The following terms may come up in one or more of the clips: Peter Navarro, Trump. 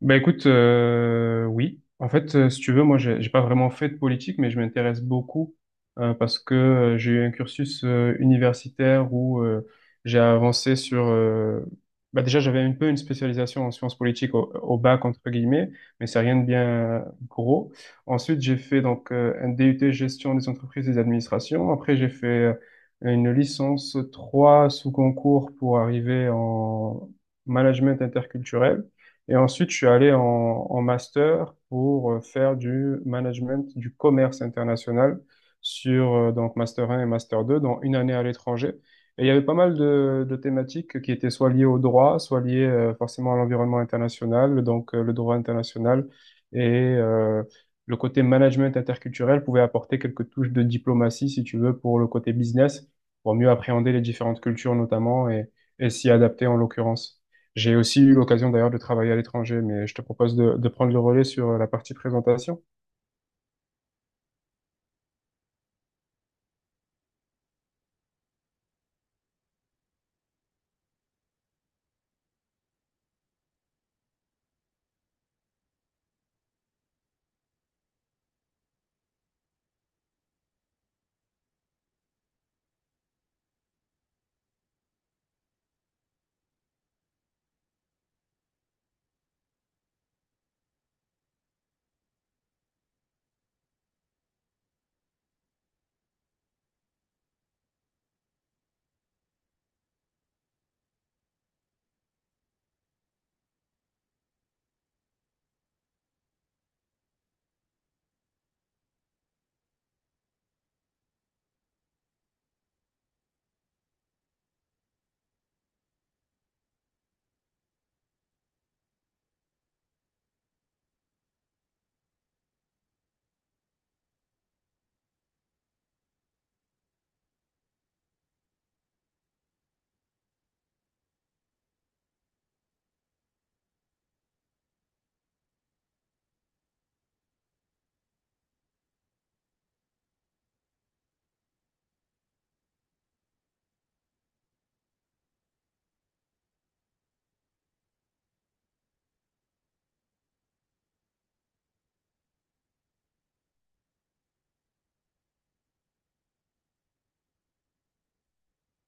Ben écoute, oui. En fait, si tu veux, moi, j'ai pas vraiment fait de politique, mais je m'intéresse beaucoup parce que j'ai eu un cursus universitaire où j'ai avancé sur. Bah déjà, j'avais un peu une spécialisation en sciences politiques au bac entre guillemets, mais c'est rien de bien gros. Ensuite, j'ai fait donc un DUT gestion des entreprises et des administrations. Après, j'ai fait une licence 3 sous concours pour arriver en management interculturel. Et ensuite, je suis allé en master pour faire du management du commerce international sur donc master 1 et master 2, dans une année à l'étranger. Et il y avait pas mal de thématiques qui étaient soit liées au droit, soit liées forcément à l'environnement international, donc le droit international et le côté management interculturel pouvait apporter quelques touches de diplomatie, si tu veux, pour le côté business, pour mieux appréhender les différentes cultures notamment et s'y adapter en l'occurrence. J'ai aussi eu l'occasion d'ailleurs de travailler à l'étranger, mais je te propose de prendre le relais sur la partie présentation.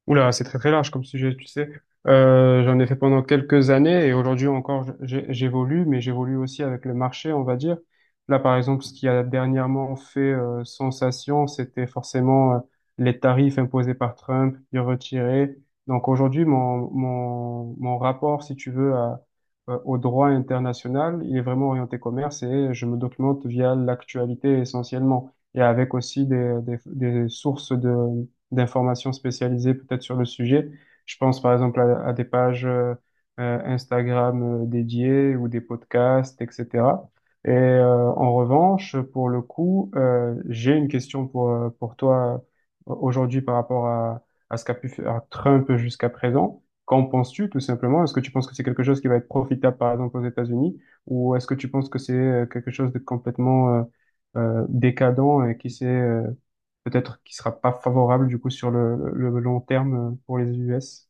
Oula, c'est très très large comme sujet, tu sais. J'en ai fait pendant quelques années et aujourd'hui encore j'évolue, mais j'évolue aussi avec le marché, on va dire. Là, par exemple, ce qui a dernièrement fait sensation, c'était forcément les tarifs imposés par Trump, puis retirés. Donc aujourd'hui, mon rapport, si tu veux, au droit international, il est vraiment orienté commerce et je me documente via l'actualité essentiellement et avec aussi des sources d'informations spécialisées peut-être sur le sujet. Je pense par exemple à des pages Instagram dédiées ou des podcasts, etc. Et en revanche, pour le coup, j'ai une question pour toi aujourd'hui par rapport à ce qu'a pu faire Trump jusqu'à présent. Qu'en penses-tu tout simplement? Est-ce que tu penses que c'est quelque chose qui va être profitable par exemple aux États-Unis ou est-ce que tu penses que c'est quelque chose de complètement décadent et qui s'est peut-être qui sera pas favorable du coup sur le long terme pour les US.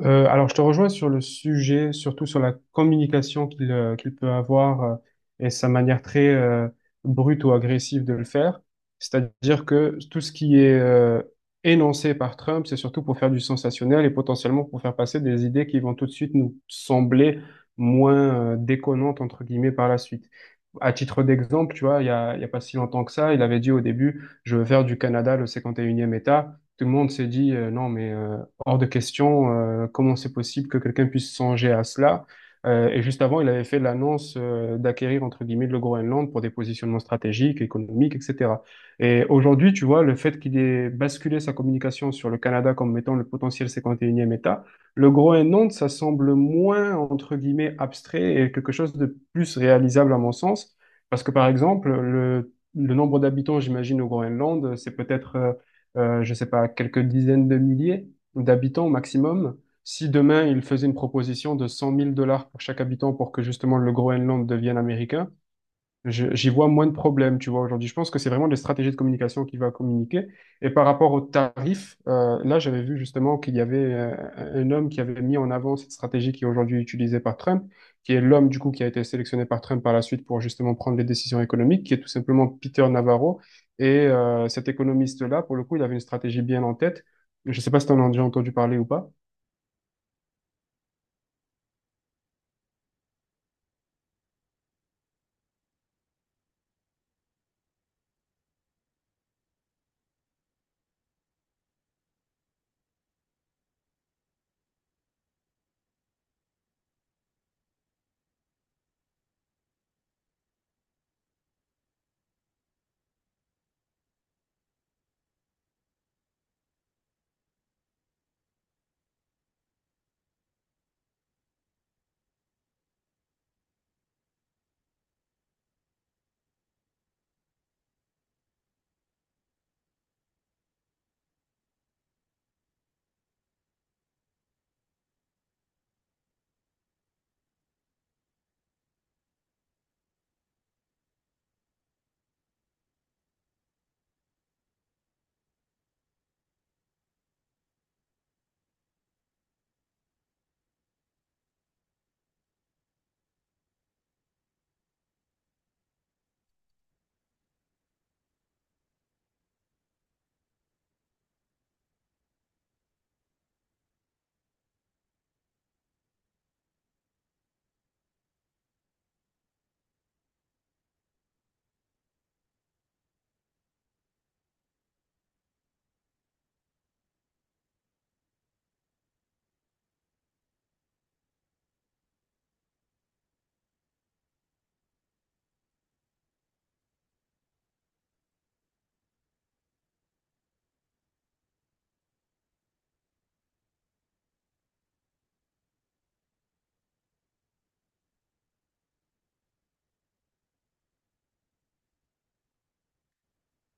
Alors, je te rejoins sur le sujet, surtout sur la communication qu'il peut avoir et sa manière très brute ou agressive de le faire. C'est-à-dire que tout ce qui est énoncé par Trump, c'est surtout pour faire du sensationnel et potentiellement pour faire passer des idées qui vont tout de suite nous sembler moins déconnantes, entre guillemets, par la suite. À titre d'exemple, tu vois, il y a pas si longtemps que ça, il avait dit au début, je veux faire du Canada le 51e État. Tout le monde s'est dit, non, hors de question, comment c'est possible que quelqu'un puisse songer à cela. Et juste avant, il avait fait l'annonce d'acquérir, entre guillemets, le Groenland pour des positionnements stratégiques, économiques, etc. Et aujourd'hui, tu vois, le fait qu'il ait basculé sa communication sur le Canada comme étant le potentiel 51e État, le Groenland, ça semble moins, entre guillemets, abstrait et quelque chose de plus réalisable à mon sens. Parce que, par exemple, le nombre d'habitants, j'imagine, au Groenland, c'est peut-être, je sais pas, quelques dizaines de milliers d'habitants au maximum. Si demain, ils faisaient une proposition de 100 000 $ pour chaque habitant pour que justement le Groenland devienne américain, J'y vois moins de problèmes, tu vois, aujourd'hui. Je pense que c'est vraiment les stratégies de communication qui va communiquer. Et par rapport aux tarifs, là, j'avais vu justement qu'il y avait un homme qui avait mis en avant cette stratégie qui est aujourd'hui utilisée par Trump, qui est l'homme, du coup, qui a été sélectionné par Trump par la suite pour justement prendre les décisions économiques, qui est tout simplement Peter Navarro. Et cet économiste-là, pour le coup, il avait une stratégie bien en tête. Je ne sais pas si tu en as déjà entendu parler ou pas.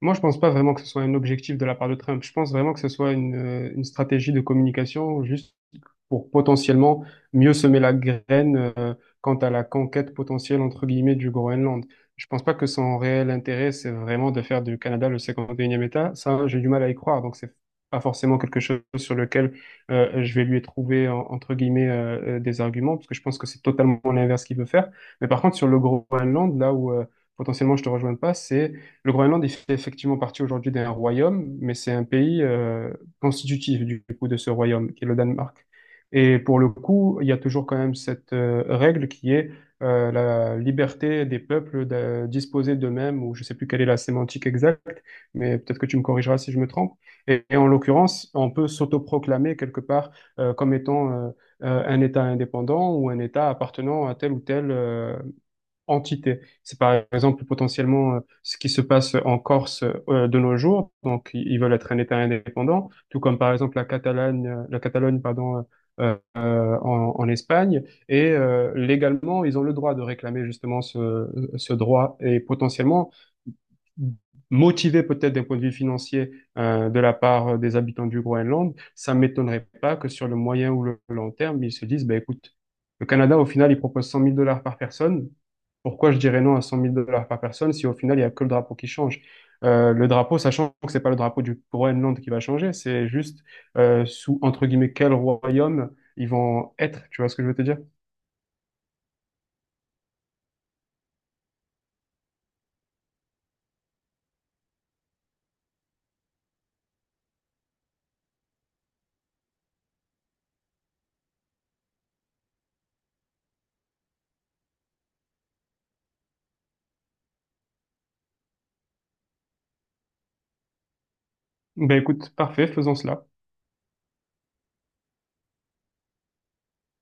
Moi, je pense pas vraiment que ce soit un objectif de la part de Trump. Je pense vraiment que ce soit une stratégie de communication juste pour potentiellement mieux semer la graine quant à la conquête potentielle, entre guillemets, du Groenland. Je pense pas que son réel intérêt, c'est vraiment de faire du Canada le 51e État. Ça, j'ai du mal à y croire. Donc, c'est pas forcément quelque chose sur lequel je vais lui trouver, entre guillemets, des arguments, parce que je pense que c'est totalement l'inverse qu'il veut faire. Mais par contre, sur le Groenland, là où potentiellement je te rejoins pas, c'est le Groenland, il fait effectivement partie aujourd'hui d'un royaume, mais c'est un pays constitutif du coup de ce royaume, qui est le Danemark. Et pour le coup, il y a toujours quand même cette règle qui est la liberté des peuples de disposer d'eux-mêmes, ou je sais plus quelle est la sémantique exacte, mais peut-être que tu me corrigeras si je me trompe. Et en l'occurrence, on peut s'autoproclamer quelque part comme étant un État indépendant ou un État appartenant à tel ou tel entité. C'est par exemple potentiellement ce qui se passe en Corse de nos jours. Donc, ils veulent être un État indépendant, tout comme par exemple la Catalogne, pardon, en Espagne. Et légalement, ils ont le droit de réclamer justement ce droit. Et potentiellement, motivé peut-être d'un point de vue financier de la part des habitants du Groenland, ça m'étonnerait pas que sur le moyen ou le long terme, ils se disent, ben écoute, le Canada, au final, il propose 100 000 $ par personne. Pourquoi je dirais non à 100 000 $ par personne si au final, il n'y a que le drapeau qui change? Le drapeau, sachant que c'est pas le drapeau du Groenland qui va changer, c'est juste sous, entre guillemets, quel royaume ils vont être. Tu vois ce que je veux te dire? Ben écoute, parfait, faisons cela.